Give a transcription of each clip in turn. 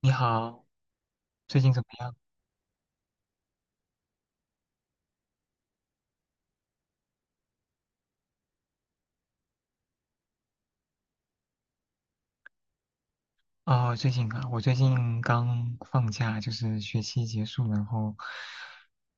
你好，最近怎么样？哦，最近啊，我最近刚放假，就是学期结束，然后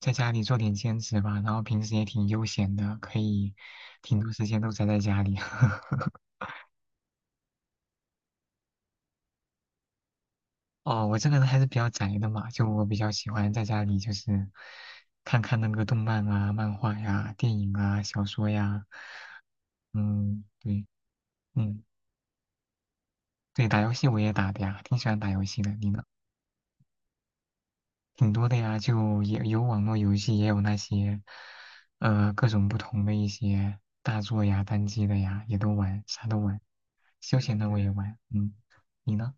在家里做点兼职吧，然后平时也挺悠闲的，可以挺多时间都宅在家里。哦，我这个人还是比较宅的嘛，就我比较喜欢在家里就是看看那个动漫啊、漫画呀、电影啊、小说呀，嗯，对，嗯，对，打游戏我也打的呀，挺喜欢打游戏的。你呢？挺多的呀，就也有网络游戏，也有那些，各种不同的一些大作呀、单机的呀，也都玩，啥都玩。休闲的我也玩，嗯，你呢？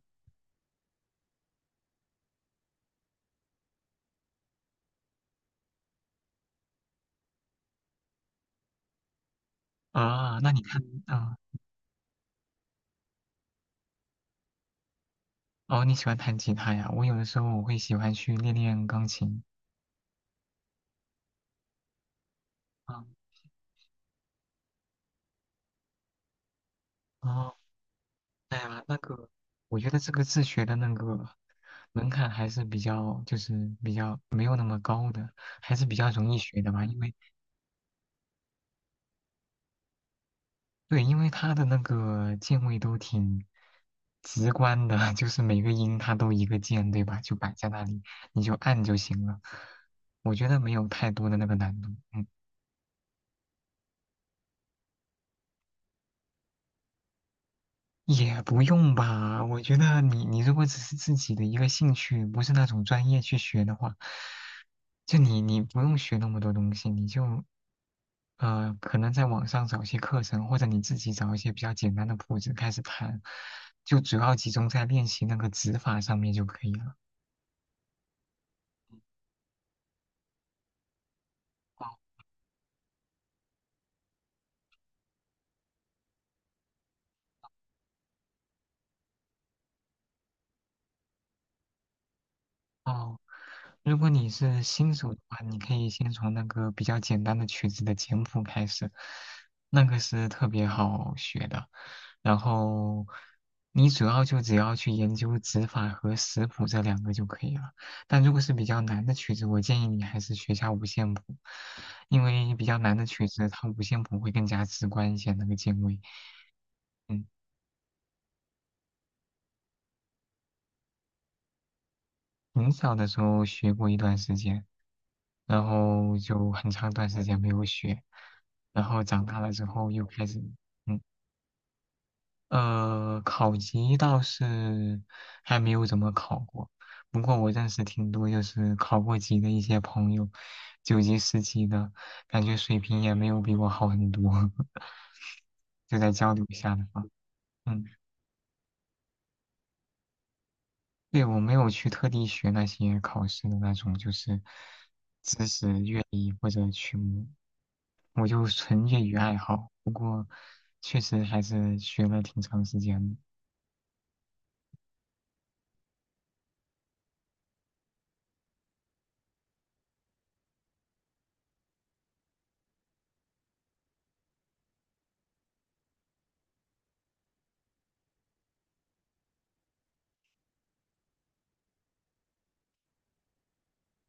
啊，那你看，啊，哦，你喜欢弹吉他呀？我有的时候我会喜欢去练练钢琴。啊，哦，哎呀，那个，我觉得这个自学的那个门槛还是比较，就是比较没有那么高的，还是比较容易学的吧，因为。对，因为它的那个键位都挺直观的，就是每个音它都一个键，对吧？就摆在那里，你就按就行了。我觉得没有太多的那个难度，嗯，也不用吧。我觉得你如果只是自己的一个兴趣，不是那种专业去学的话，就你不用学那么多东西，你就可能在网上找一些课程，或者你自己找一些比较简单的谱子开始弹，就主要集中在练习那个指法上面就可以了。哦，哦，如果你是新手的话，你可以先从那个比较简单的曲子的简谱开始，那个是特别好学的。然后你主要就只要去研究指法和食谱这两个就可以了。但如果是比较难的曲子，我建议你还是学下五线谱，因为比较难的曲子它五线谱会更加直观一些那个键位。嗯。很小的时候学过一段时间，然后就很长一段时间没有学，然后长大了之后又开始，嗯，考级倒是还没有怎么考过，不过我认识挺多就是考过级的一些朋友，九级、十级的，感觉水平也没有比我好很多，就在交流一下的话，嗯。对，我没有去特地学那些考试的那种，就是知识、乐理或者曲目，我就纯业余爱好。不过，确实还是学了挺长时间的，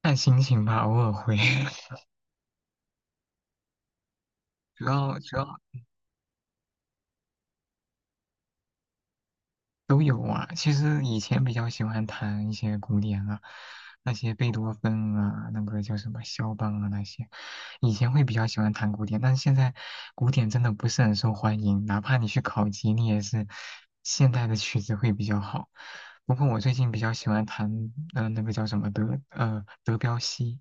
看心情吧，偶尔会。主要都有啊。其实以前比较喜欢弹一些古典啊，那些贝多芬啊，那个叫什么肖邦啊那些，以前会比较喜欢弹古典，但是现在古典真的不是很受欢迎，哪怕你去考级，你也是现代的曲子会比较好。不过我最近比较喜欢弹，那个叫什么德彪西。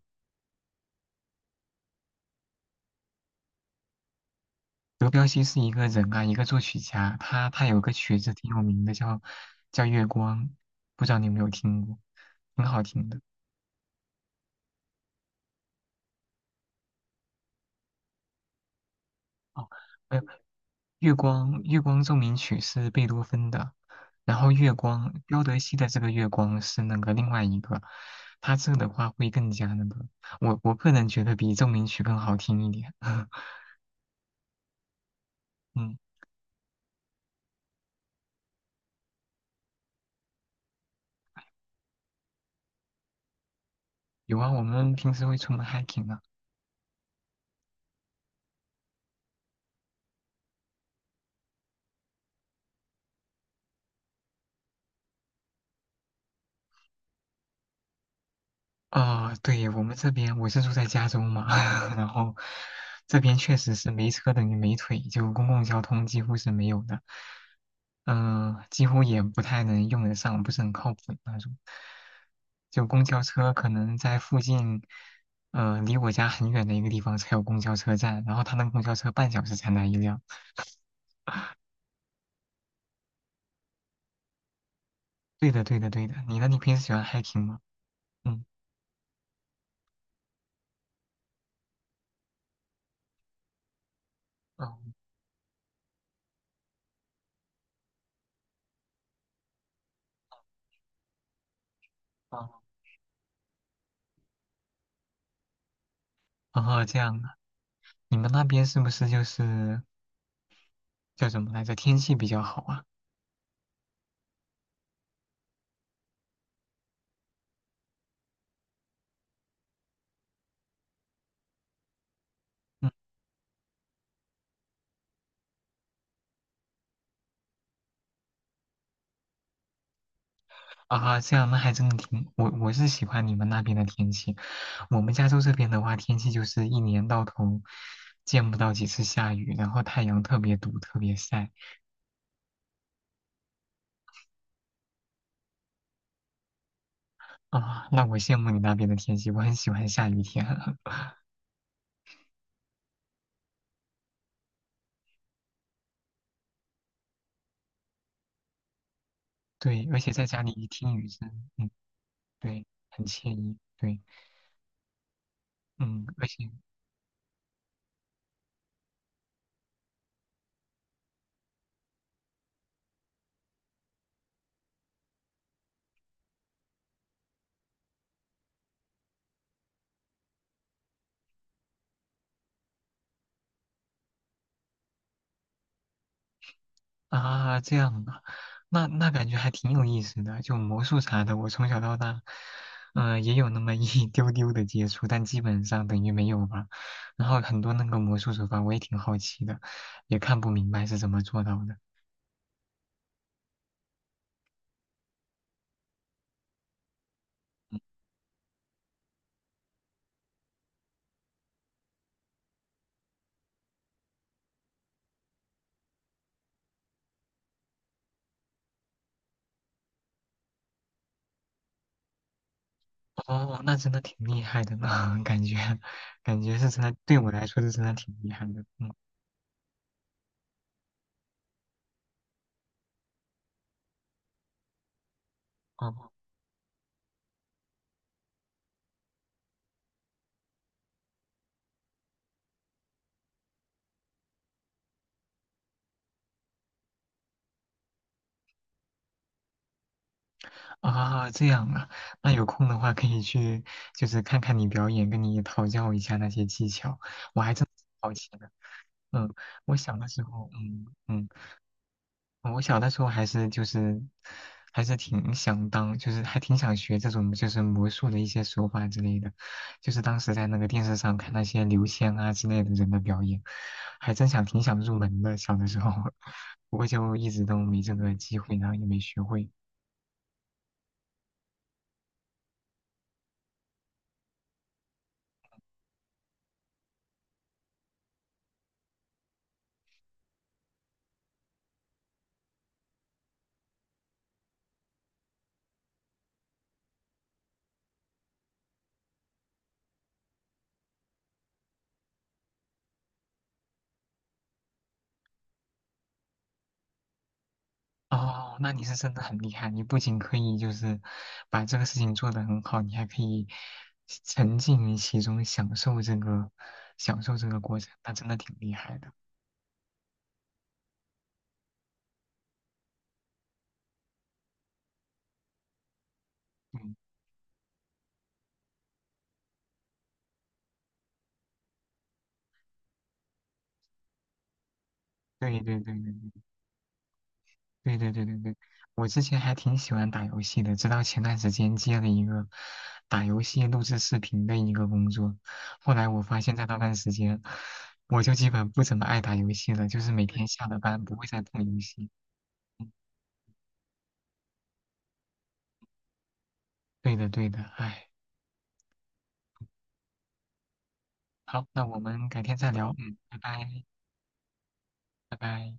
德彪西是一个人啊，一个作曲家，他有个曲子挺有名的，叫《月光》，不知道你有没有听过，挺好听的。哦，没有，月光奏鸣曲是贝多芬的，然后月光彪德西的这个月光是那个另外一个，他这个的话会更加那个，我个人觉得比奏鸣曲更好听一点。嗯，有啊，我们平时会出门 hiking 啊。啊、对，我们这边我是住在加州嘛，然后这边确实是没车等于没腿，就公共交通几乎是没有的，嗯、几乎也不太能用得上，不是很靠谱的那种。就公交车可能在附近，离我家很远的一个地方才有公交车站，然后他那个公交车半小时才来一辆。对的，对的，对的。你呢？你平时喜欢 hiking 吗？嗯，哦，哦，哦，这样啊。你们那边是不是就是叫什么来着？天气比较好啊。嗯啊，这样那还真的挺，我是喜欢你们那边的天气。我们加州这边的话，天气就是一年到头见不到几次下雨，然后太阳特别毒，特别晒啊。那我羡慕你那边的天气，我很喜欢下雨天。对，而且在家里一听雨声，嗯，对，很惬意。对，嗯，而且啊，这样啊，那感觉还挺有意思的。就魔术啥的，我从小到大，嗯、也有那么一 丢丢的接触，但基本上等于没有吧。然后很多那个魔术手法，我也挺好奇的，也看不明白是怎么做到的。哦，那真的挺厉害的呢，感觉是真的，对我来说是真的挺厉害的。嗯，哦，啊，这样啊，那有空的话可以去，就是看看你表演，跟你讨教一下那些技巧，我还真挺好奇的。嗯，我小的时候，嗯我小的时候还是就是挺想当，就是还挺想学这种就是魔术的一些手法之类的，就是当时在那个电视上看那些刘谦啊之类的人的表演，还挺想入门的，小的时候，不过就一直都没这个机会，然后也没学会。哦，那你是真的很厉害，你不仅可以就是把这个事情做得很好，你还可以沉浸于其中，享受这个过程，那真的挺厉害的。嗯，对对对对对对对对对对，我之前还挺喜欢打游戏的，直到前段时间接了一个打游戏录制视频的一个工作，后来我发现，在那段时间，我就基本不怎么爱打游戏了，就是每天下了班不会再碰游戏。嗯，对的对的，唉。好，那我们改天再聊，嗯，拜拜，拜拜。